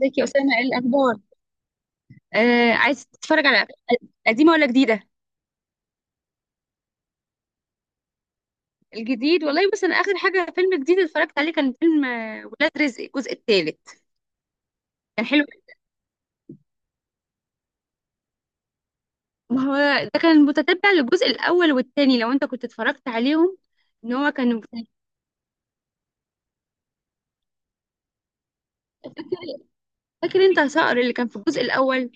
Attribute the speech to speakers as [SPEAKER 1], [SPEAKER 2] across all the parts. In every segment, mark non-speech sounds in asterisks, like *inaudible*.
[SPEAKER 1] ازيك يا اسامه؟ ايه الاخبار؟ آه، عايز تتفرج على قديمه ولا جديده؟ الجديد والله، بس انا اخر حاجه فيلم جديد اتفرجت عليه كان فيلم ولاد رزق الجزء الثالث. كان حلو. ما هو ده كان متتبع للجزء الاول والثاني لو انت كنت اتفرجت عليهم. ان هو كان، فاكر انت صقر اللي كان في الجزء الاول؟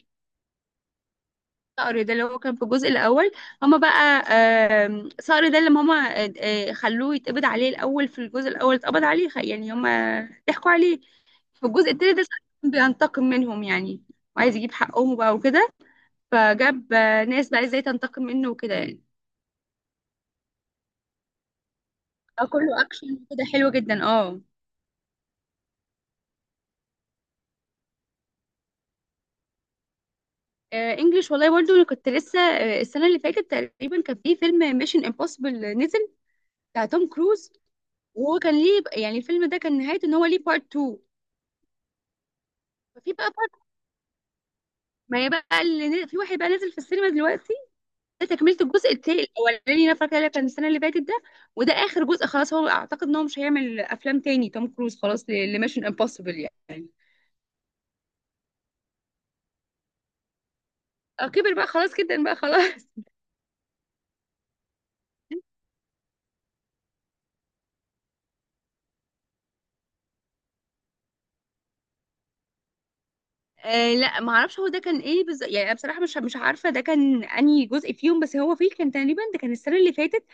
[SPEAKER 1] صقر ده اللي هو كان في الجزء الأول، هما بقى صقر ده اللي هما خلوه يتقبض عليه الأول. في الجزء الأول اتقبض عليه يعني هما ضحكوا عليه. في الجزء التاني ده صقر كان بينتقم منهم يعني، وعايز يجيب حقهم بقى وكده، فجاب ناس بقى ازاي تنتقم منه وكده يعني. كله أكشن كده، حلو جدا اه. انجلش والله، برضو انا كنت لسه السنه اللي فاتت تقريبا كان في فيلم ميشن امبوسيبل نزل، بتاع توم كروز. وهو كان ليه يعني الفيلم ده كان نهايته ان هو ليه بارت 2. ففي بقى، ما هي بقى في واحد بقى نازل في السينما دلوقتي، ده تكملة الجزء التاني الأولاني اللي أنا فاكرة اللي كان السنة اللي فاتت ده. وده آخر جزء خلاص، هو أعتقد إن هو مش هيعمل أفلام تاني توم كروز خلاص، لميشن امبوسيبل يعني. كبر بقى خلاص، جدا بقى خلاص. *laughs* آه لا، ما اعرفش هو ده كان ايه بالظبط يعني. أنا بصراحه مش عارفه ده كان انهي جزء فيهم، بس هو فيه كان تقريبا ده كان السنه اللي فاتت،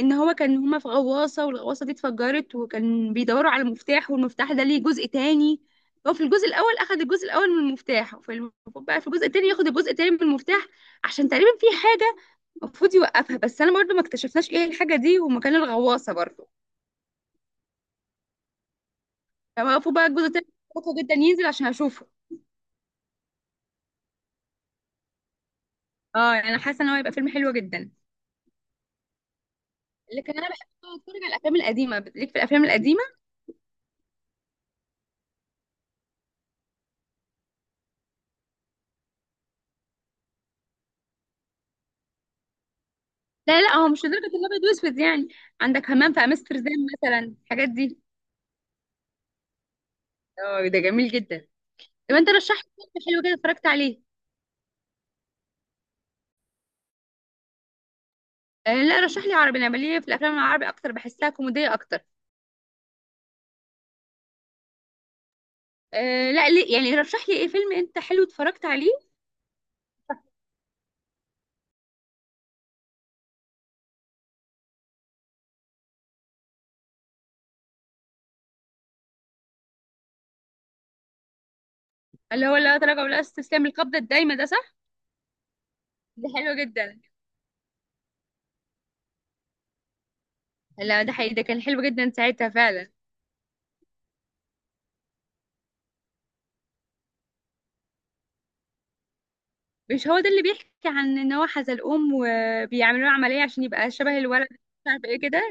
[SPEAKER 1] ان هو كان هما في غواصة والغواصة دي اتفجرت، وكان بيدوروا على مفتاح، والمفتاح ده ليه جزء تاني. هو في الجزء الاول اخد الجزء الاول من المفتاح، وفي المفروض بقى في الجزء التاني ياخد الجزء التاني من المفتاح عشان تقريبا في حاجة المفروض يوقفها، بس انا برضو ما اكتشفناش ايه الحاجة دي ومكان الغواصة برضو. فوقفوا بقى الجزء التاني بطيء جدا ينزل عشان اشوفه. اه يعني انا حاسة ان هو هيبقى فيلم حلو جدا. لكن انا بحب اتفرج على الافلام القديمه، ليك في الافلام القديمه. لا لا، هو مش لدرجه الابيض واسود يعني. عندك همام في امستردام مثلا، الحاجات دي. اه ده جميل جدا. طب انت رشح لي فيلم حلو كده اتفرجت عليه. آه لا، رشح لي عربي. انا بليه في الافلام العربي اكتر، بحسها كوميديه اكتر. آه لا ليه يعني، رشح لي ايه فيلم انت حلو اتفرجت عليه. اللي هو لا تراجع ولا استسلام، القبضه الدايمه، ده صح؟ ده حلو جدا. لا ده حقيقي، ده كان حلو جدا ساعتها فعلا. مش هو ده اللي بيحكي عن ان هو حزلقوم وبيعملوا له عمليه عشان يبقى شبه الولد، مش عارف ايه كده.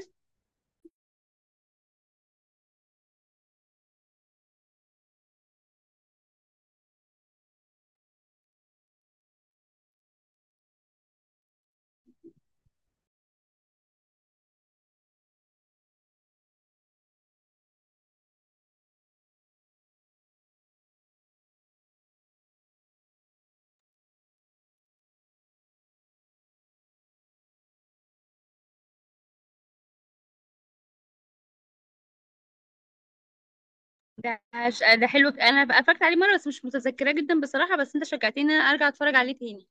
[SPEAKER 1] ده ده حلو، انا بقى اتفرجت عليه مره بس مش متذكراه جدا بصراحه، بس انت شجعتني ان انا ارجع اتفرج عليه تاني.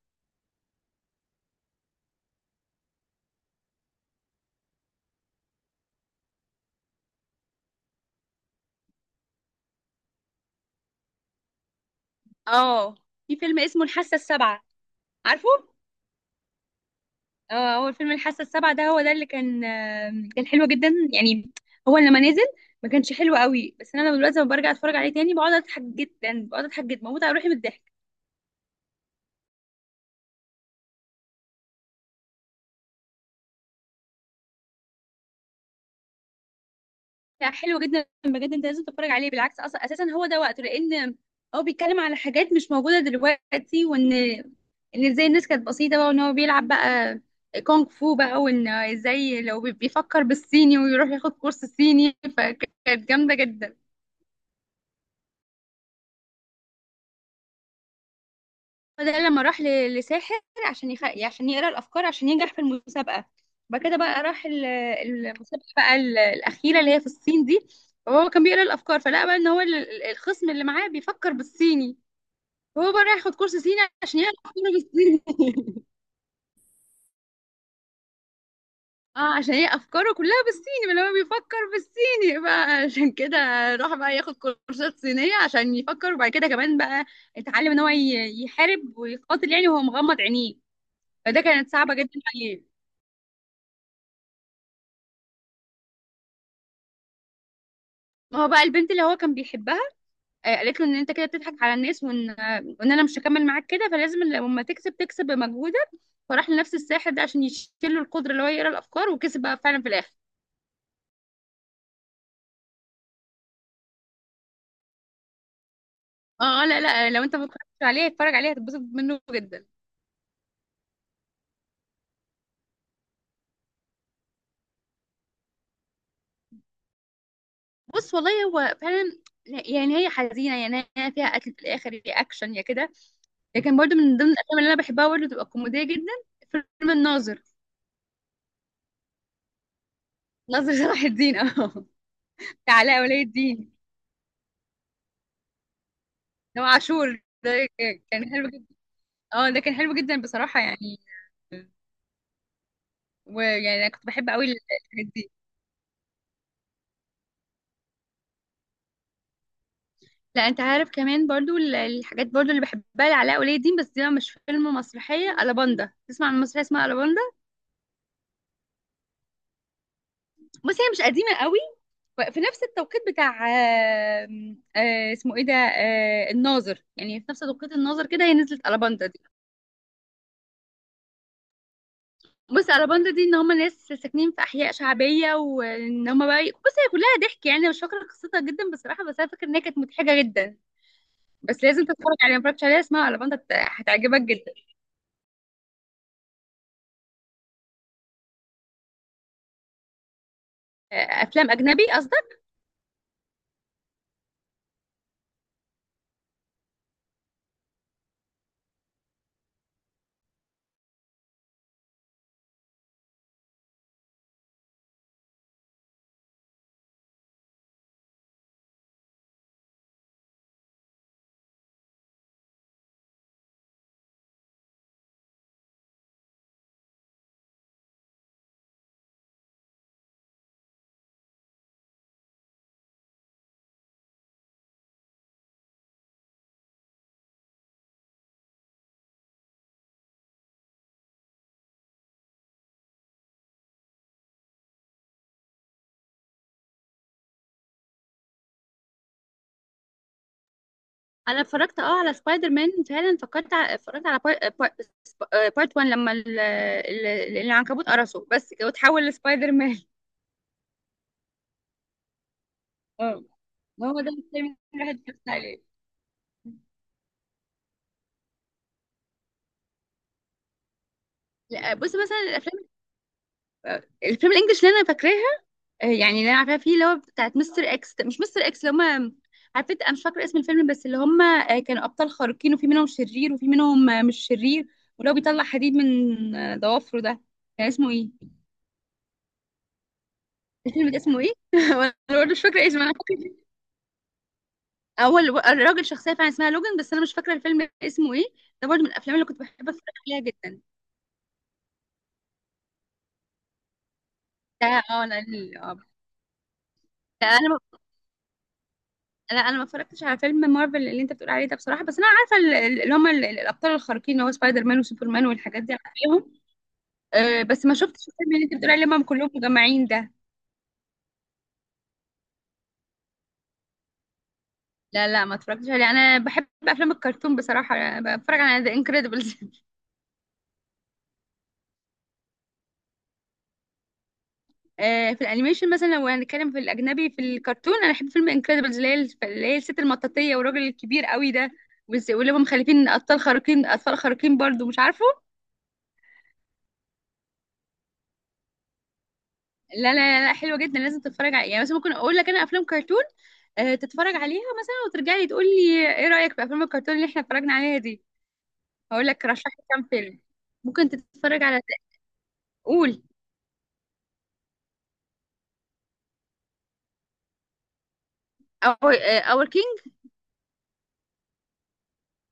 [SPEAKER 1] اه، في فيلم اسمه الحاسة السابعة، عارفه؟ اه، هو فيلم الحاسة السابعة ده هو ده اللي كان كان حلو جدا يعني. هو لما نزل ما كانش حلو قوي، بس انا لما دلوقتي لما برجع اتفرج عليه تاني بقعد اضحك جدا، بقعد اضحك جدا، بموت على روحي من الضحك. لا حلو جدا بجد، انت لازم تتفرج عليه. بالعكس اصلا اساسا هو ده وقته، لان هو بيتكلم على حاجات مش موجوده دلوقتي، وان ازاي الناس كانت بسيطه بقى، وان هو بيلعب بقى كونغ فو بقى، وان ازاي لو بيفكر بالصيني ويروح ياخد كورس صيني، فكانت جامده جدا. فده لما راح لساحر عشان يعني عشان يقرا الافكار عشان ينجح في المسابقه. بعد كده بقى راح المسابقه بقى الاخيره اللي هي في الصين دي، وهو كان بيقرا الافكار، فلقى بقى ان هو الخصم اللي معاه بيفكر بالصيني. هو بقى رايح ياخد كورس صيني عشان يعرف افكاره بالصيني. *laughs* اه، عشان هي افكاره كلها بالصيني، ما هو بيفكر بالصيني بقى *laughs* عشان كده راح بقى ياخد كورسات صينيه عشان يفكر. وبعد كده كمان بقى اتعلم ان هو يحارب ويقاتل يعني وهو مغمض عينيه، فده كانت صعبه جدا عليه. ما هو بقى البنت اللي هو كان بيحبها قالت له ان انت كده بتضحك على الناس، وان وان انا مش هكمل معاك كده، فلازم لما تكسب تكسب بمجهودك. فراح لنفس الساحر ده عشان يشيل له القدره اللي هو يقرا الافكار، وكسب بقى فعلا في الاخر. اه اه، لا لا، لو انت ما اتفرجتش عليه اتفرج عليه هتتبسط منه جدا. بص والله هو فعلا يعني، هي حزينه يعني، هي فيها قتل في الاخر، يا اكشن يا كده. لكن برضو من ضمن الافلام اللي انا بحبها برضو تبقى كوميديه جدا فيلم الناظر. ناصر صلاح الدين اه. *laughs* بتاع علاء ولي الدين. ده عاشور ده، كان حلو جدا. اه ده كان حلو جدا بصراحه يعني، ويعني انا كنت بحب قوي الحاجات دي. لا انت عارف كمان برضو الحاجات برضو اللي بحبها لعلاء ولي الدين، بس دي بقى مش فيلم، مسرحيه الاباندا. تسمع عن مسرحيه اسمها الاباندا؟ بصي هي مش قديمه قوي، في نفس التوقيت بتاع اسمه ايه ده، الناظر، يعني في نفس توقيت الناظر كده هي نزلت الاباندا دي. بصي الاباندا دي ان هم ناس ساكنين في احياء شعبيه، وان هم بقى بصي هي كلها ضحك يعني، أنا مش فاكره قصتها جدا بصراحه، بس انا فاكره ان هي كانت مضحكه جدا. بس لازم تتفرج عليها، ما اتفرجتش عليها، اسمها الاباندا، هتعجبك جدا. افلام اجنبي قصدي. انا اتفرجت اه على سبايدر مان فعلا، فكرت اتفرجت على بارت 1 لما العنكبوت قرصه بس كده، وتحول لسبايدر مان. *laughs* اه، هو ده الفيلم اللي الواحد اتفرجت عليه. لا بص، مثلا الافلام، الفيلم الانجليش اللي انا فاكراها، يعني اللي انا عارفاها فيه، اللي هو بتاعت مستر اكس، مش مستر اكس، اللي هم، عارفه انا مش فاكره اسم الفيلم، بس اللي هم كانوا ابطال خارقين، وفي منهم شرير وفي منهم مش شرير، ولو بيطلع حديد من ضوافره ده. كان اسمه ايه الفيلم ده، اسمه ايه؟ *laughs* وانا برضه مش فاكره اسمه، انا فاكره اول الراجل شخصيه فعلا اسمها لوجن، بس انا مش فاكره الفيلم اسمه ايه. ده برضه من الافلام اللي كنت بحب اتفرج عليها جدا. ده اه لا اه، لا انا ما- لا انا ما اتفرجتش على فيلم مارفل اللي انت بتقول عليه ده بصراحه، بس انا عارفه اللي هم الابطال الخارقين، اللي هو سبايدر مان وسوبرمان والحاجات دي عليهم. أه بس ما شفتش الفيلم اللي انت بتقول عليه لما هم كلهم مجمعين ده. لا لا، ما اتفرجتش عليه. انا بحب افلام الكرتون بصراحه، بتفرج على ذا انكريدبلز. في الانيميشن مثلا، لو هنتكلم في الاجنبي في الكرتون، انا بحب فيلم انكريدبلز اللي هي، اللي هي الست المطاطيه والراجل الكبير قوي ده، واللي هم مخلفين اطفال خارقين، اطفال خارقين برضو مش عارفه. لا لا حلوه جدا، لازم تتفرج عليها. يعني مثلا ممكن اقول لك انا افلام كرتون تتفرج عليها مثلا، وترجع لي تقول لي ايه رايك في افلام الكرتون اللي احنا اتفرجنا عليها دي. هقول لك رشح لي كام فيلم ممكن تتفرج على، قول. اور كينج،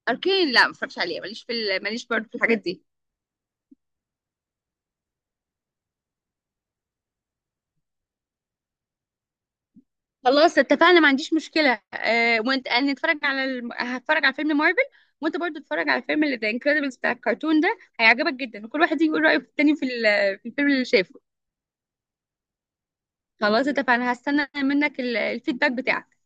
[SPEAKER 1] اركين؟ لا ما اتفرجش عليه، ماليش في ماليش برضو في الحاجات دي. خلاص اتفقنا، ما عنديش مشكلة. آه، وانت انا نتفرج على هتفرج على فيلم مارفل، وانت برضو اتفرج على فيلم ذا انكريدبلز بتاع الكرتون، ده هيعجبك جدا. وكل واحد يجي يقول رأيه في التاني في، في الفيلم اللي شافه. خلاص اتفقنا، هستنى منك الفيدباك بتاعك.